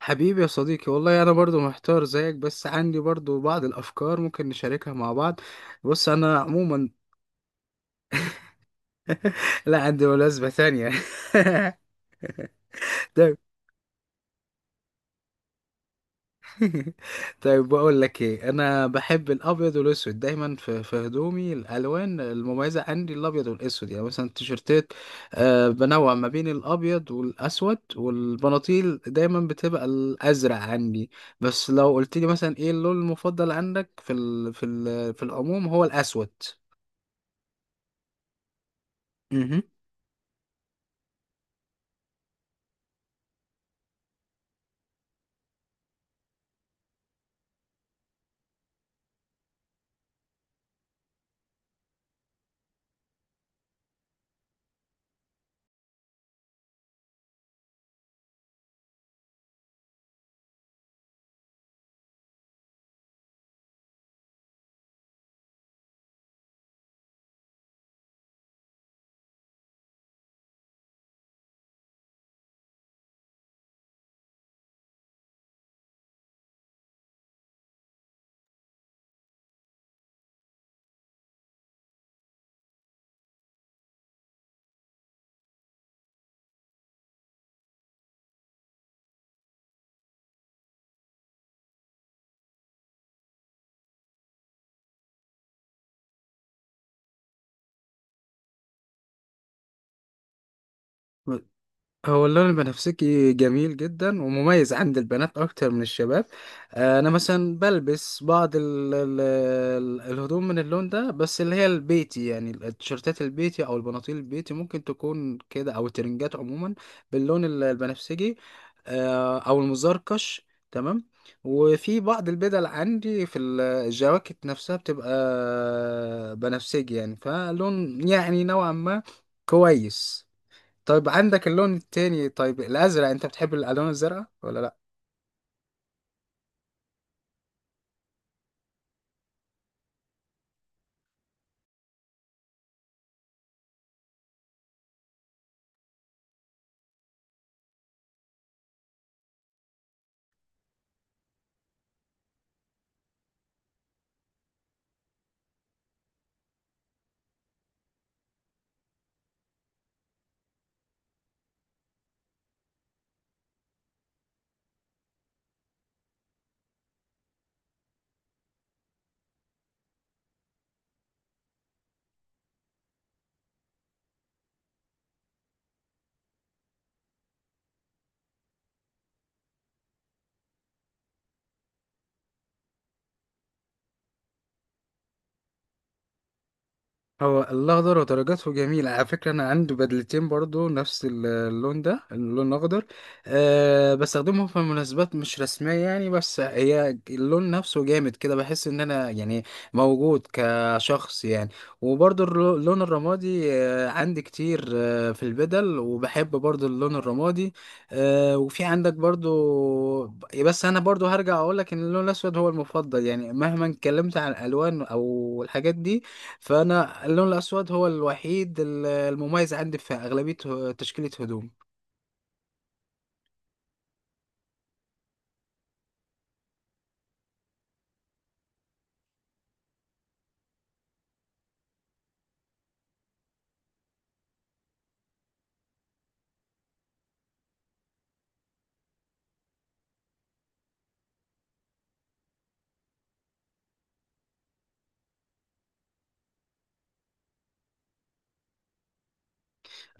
حبيبي يا صديقي، والله انا برضو محتار زيك، بس عندي برضو بعض الافكار ممكن نشاركها مع بعض. بص انا عموما لا، عندي مناسبة تانية. ده طيب بقول لك ايه، انا بحب الابيض والاسود دايما في هدومي. الالوان المميزه عندي الابيض والاسود، يعني مثلا التيشيرتات بنوع ما بين الابيض والاسود، والبناطيل دايما بتبقى الازرق عندي. بس لو قلت لي مثلا ايه اللون المفضل عندك في في العموم، هو الاسود. مهم. هو اللون البنفسجي جميل جدا ومميز عند البنات اكتر من الشباب. انا مثلا بلبس بعض الهدوم من اللون ده، بس اللي هي البيتي، يعني التيشيرتات البيتي او البناطيل البيتي ممكن تكون كده، او الترنجات عموما باللون البنفسجي. او المزركش. تمام. وفي بعض البدل عندي في الجواكت نفسها بتبقى بنفسجي، يعني فلون يعني نوعا ما. كويس. طيب عندك اللون التاني، طيب الازرق، انت بتحب الالوان الزرقاء ولا لا؟ هو الاخضر ودرجاته جميله على فكره. انا عندي بدلتين برضو نفس اللون ده، اللون الاخضر. أه بستخدمهم في مناسبات مش رسميه يعني، بس هي اللون نفسه جامد كده، بحس ان انا يعني موجود كشخص يعني. وبرضو اللون الرمادي أه عندي كتير، أه في البدل، وبحب برضو اللون الرمادي. أه وفي عندك برضو. بس انا برضو هرجع اقولك ان اللون الاسود هو المفضل، يعني مهما اتكلمت عن الالوان او الحاجات دي، فانا اللون الاسود هو الوحيد المميز عندي في اغلبيه تشكيله هدوم.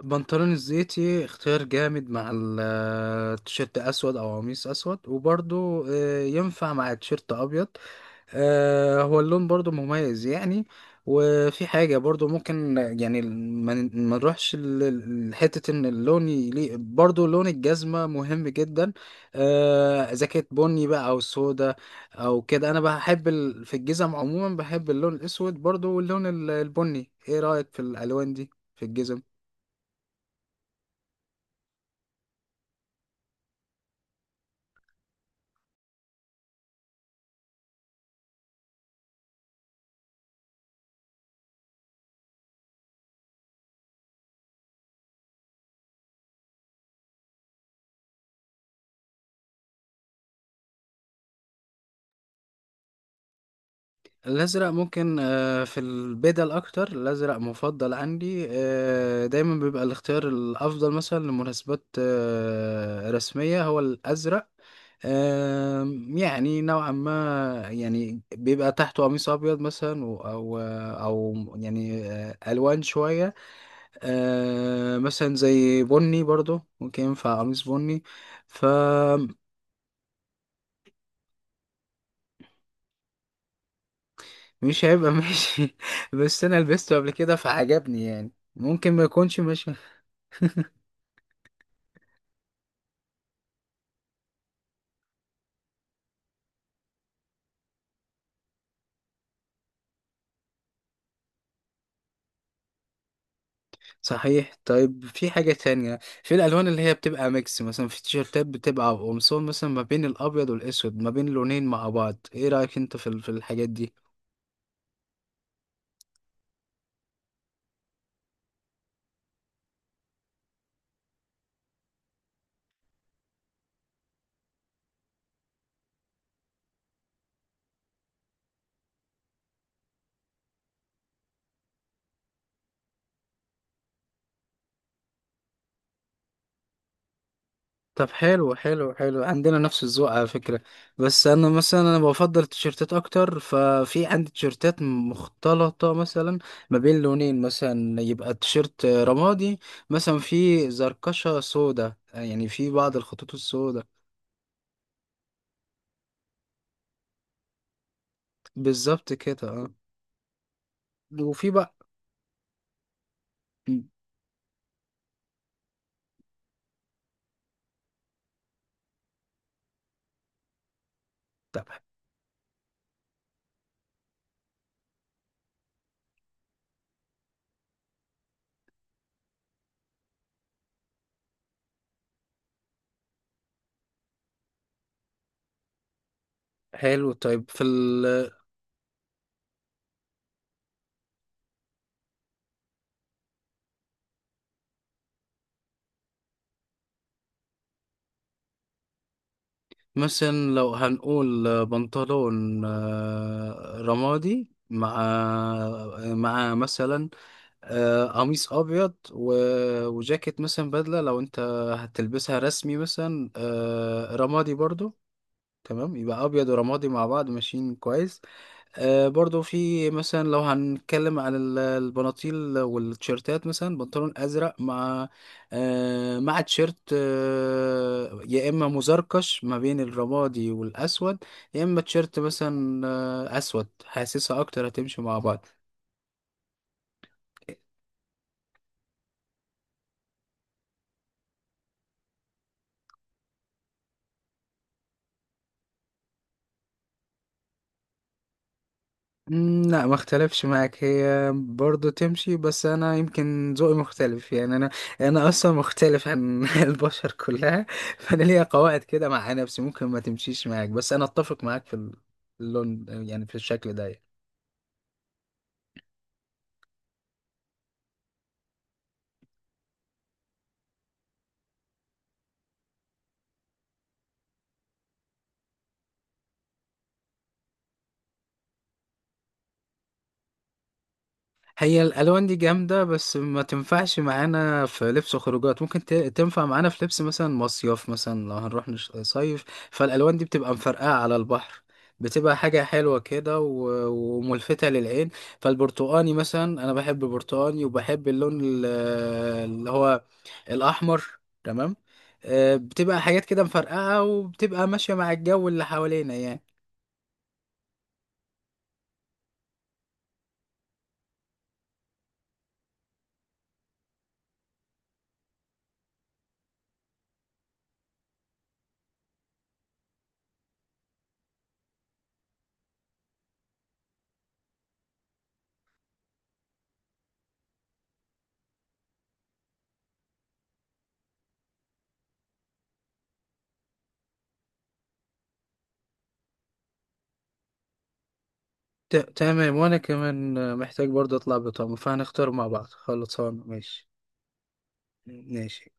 البنطلون الزيتي اختيار جامد مع التيشيرت اسود او قميص اسود، وبرضه ينفع مع تيشيرت ابيض. هو اللون برضو مميز يعني. وفي حاجة برضو ممكن يعني ما نروحش لحتة ان اللون يليق، برضو لون الجزمة مهم جدا. اذا كانت بني بقى او سودا او كده. انا بحب في الجزم عموما بحب اللون الاسود برضو واللون البني. ايه رأيك في الالوان دي في الجزم؟ الأزرق ممكن، في البدل أكتر الأزرق مفضل عندي. دايما بيبقى الاختيار الأفضل مثلا لمناسبات رسمية هو الأزرق. يعني نوعا ما يعني بيبقى تحته قميص أبيض مثلا، و- أو أو يعني ألوان شوية. مثلا زي بني، برضو ممكن ينفع قميص بني. فمش هيبقى ماشي. بس أنا لبسته قبل كده فعجبني، يعني ممكن ما يكونش ماشي. صحيح. طيب في حاجة تانية في الألوان اللي هي بتبقى ميكس، مثلا في تيشيرتات بتبقى قمصان مثلا ما بين الأبيض والأسود، ما بين لونين مع بعض، إيه رأيك أنت في الحاجات دي؟ طب حلو، حلو حلو، عندنا نفس الذوق على فكرة. بس أنا مثلا، أنا بفضل التيشيرتات أكتر، ففي عندي تيشيرتات مختلطة مثلا ما بين لونين، مثلا يبقى التيشيرت رمادي مثلا في زركشة سودا، يعني في بعض الخطوط السودا. بالظبط كده، اه. وفي بقى طب حلو طيب في ال... مثلا لو هنقول بنطلون رمادي مع مع مثلا قميص ابيض و... وجاكيت مثلا بدله لو انت هتلبسها رسمي، مثلا رمادي برضو. تمام يبقى ابيض ورمادي مع بعض ماشيين كويس. برضو في مثلا لو هنتكلم على البناطيل والتيشيرتات، مثلا بنطلون ازرق مع مع تيشيرت يا اما مزركش ما بين الرمادي والاسود، يا اما تيشيرت مثلا اسود، حاسسها اكتر هتمشي مع بعض. لا، ما اختلفش معاك، هي برضه تمشي، بس انا يمكن ذوقي مختلف يعني. انا اصلا مختلف عن البشر كلها، فانا ليا قواعد كده مع نفسي ممكن ما تمشيش معاك، بس انا اتفق معاك في اللون يعني في الشكل ده يعني. هي الالوان دي جامده، بس ما تنفعش معانا في لبس خروجات، ممكن تنفع معانا في لبس مثلا مصيف، مثلا لو هنروح صيف، فالالوان دي بتبقى مفرقعه على البحر، بتبقى حاجه حلوه كده و- وملفته للعين. فالبرتقاني مثلا انا بحب برتقاني، وبحب اللون اللي هو الاحمر. تمام. بتبقى حاجات كده مفرقعه وبتبقى ماشيه مع الجو اللي حوالينا يعني. تمام، وانا كمان محتاج برضه اطلع بطعم، فهنختار مع بعض، خلصان ماشي. ماشي.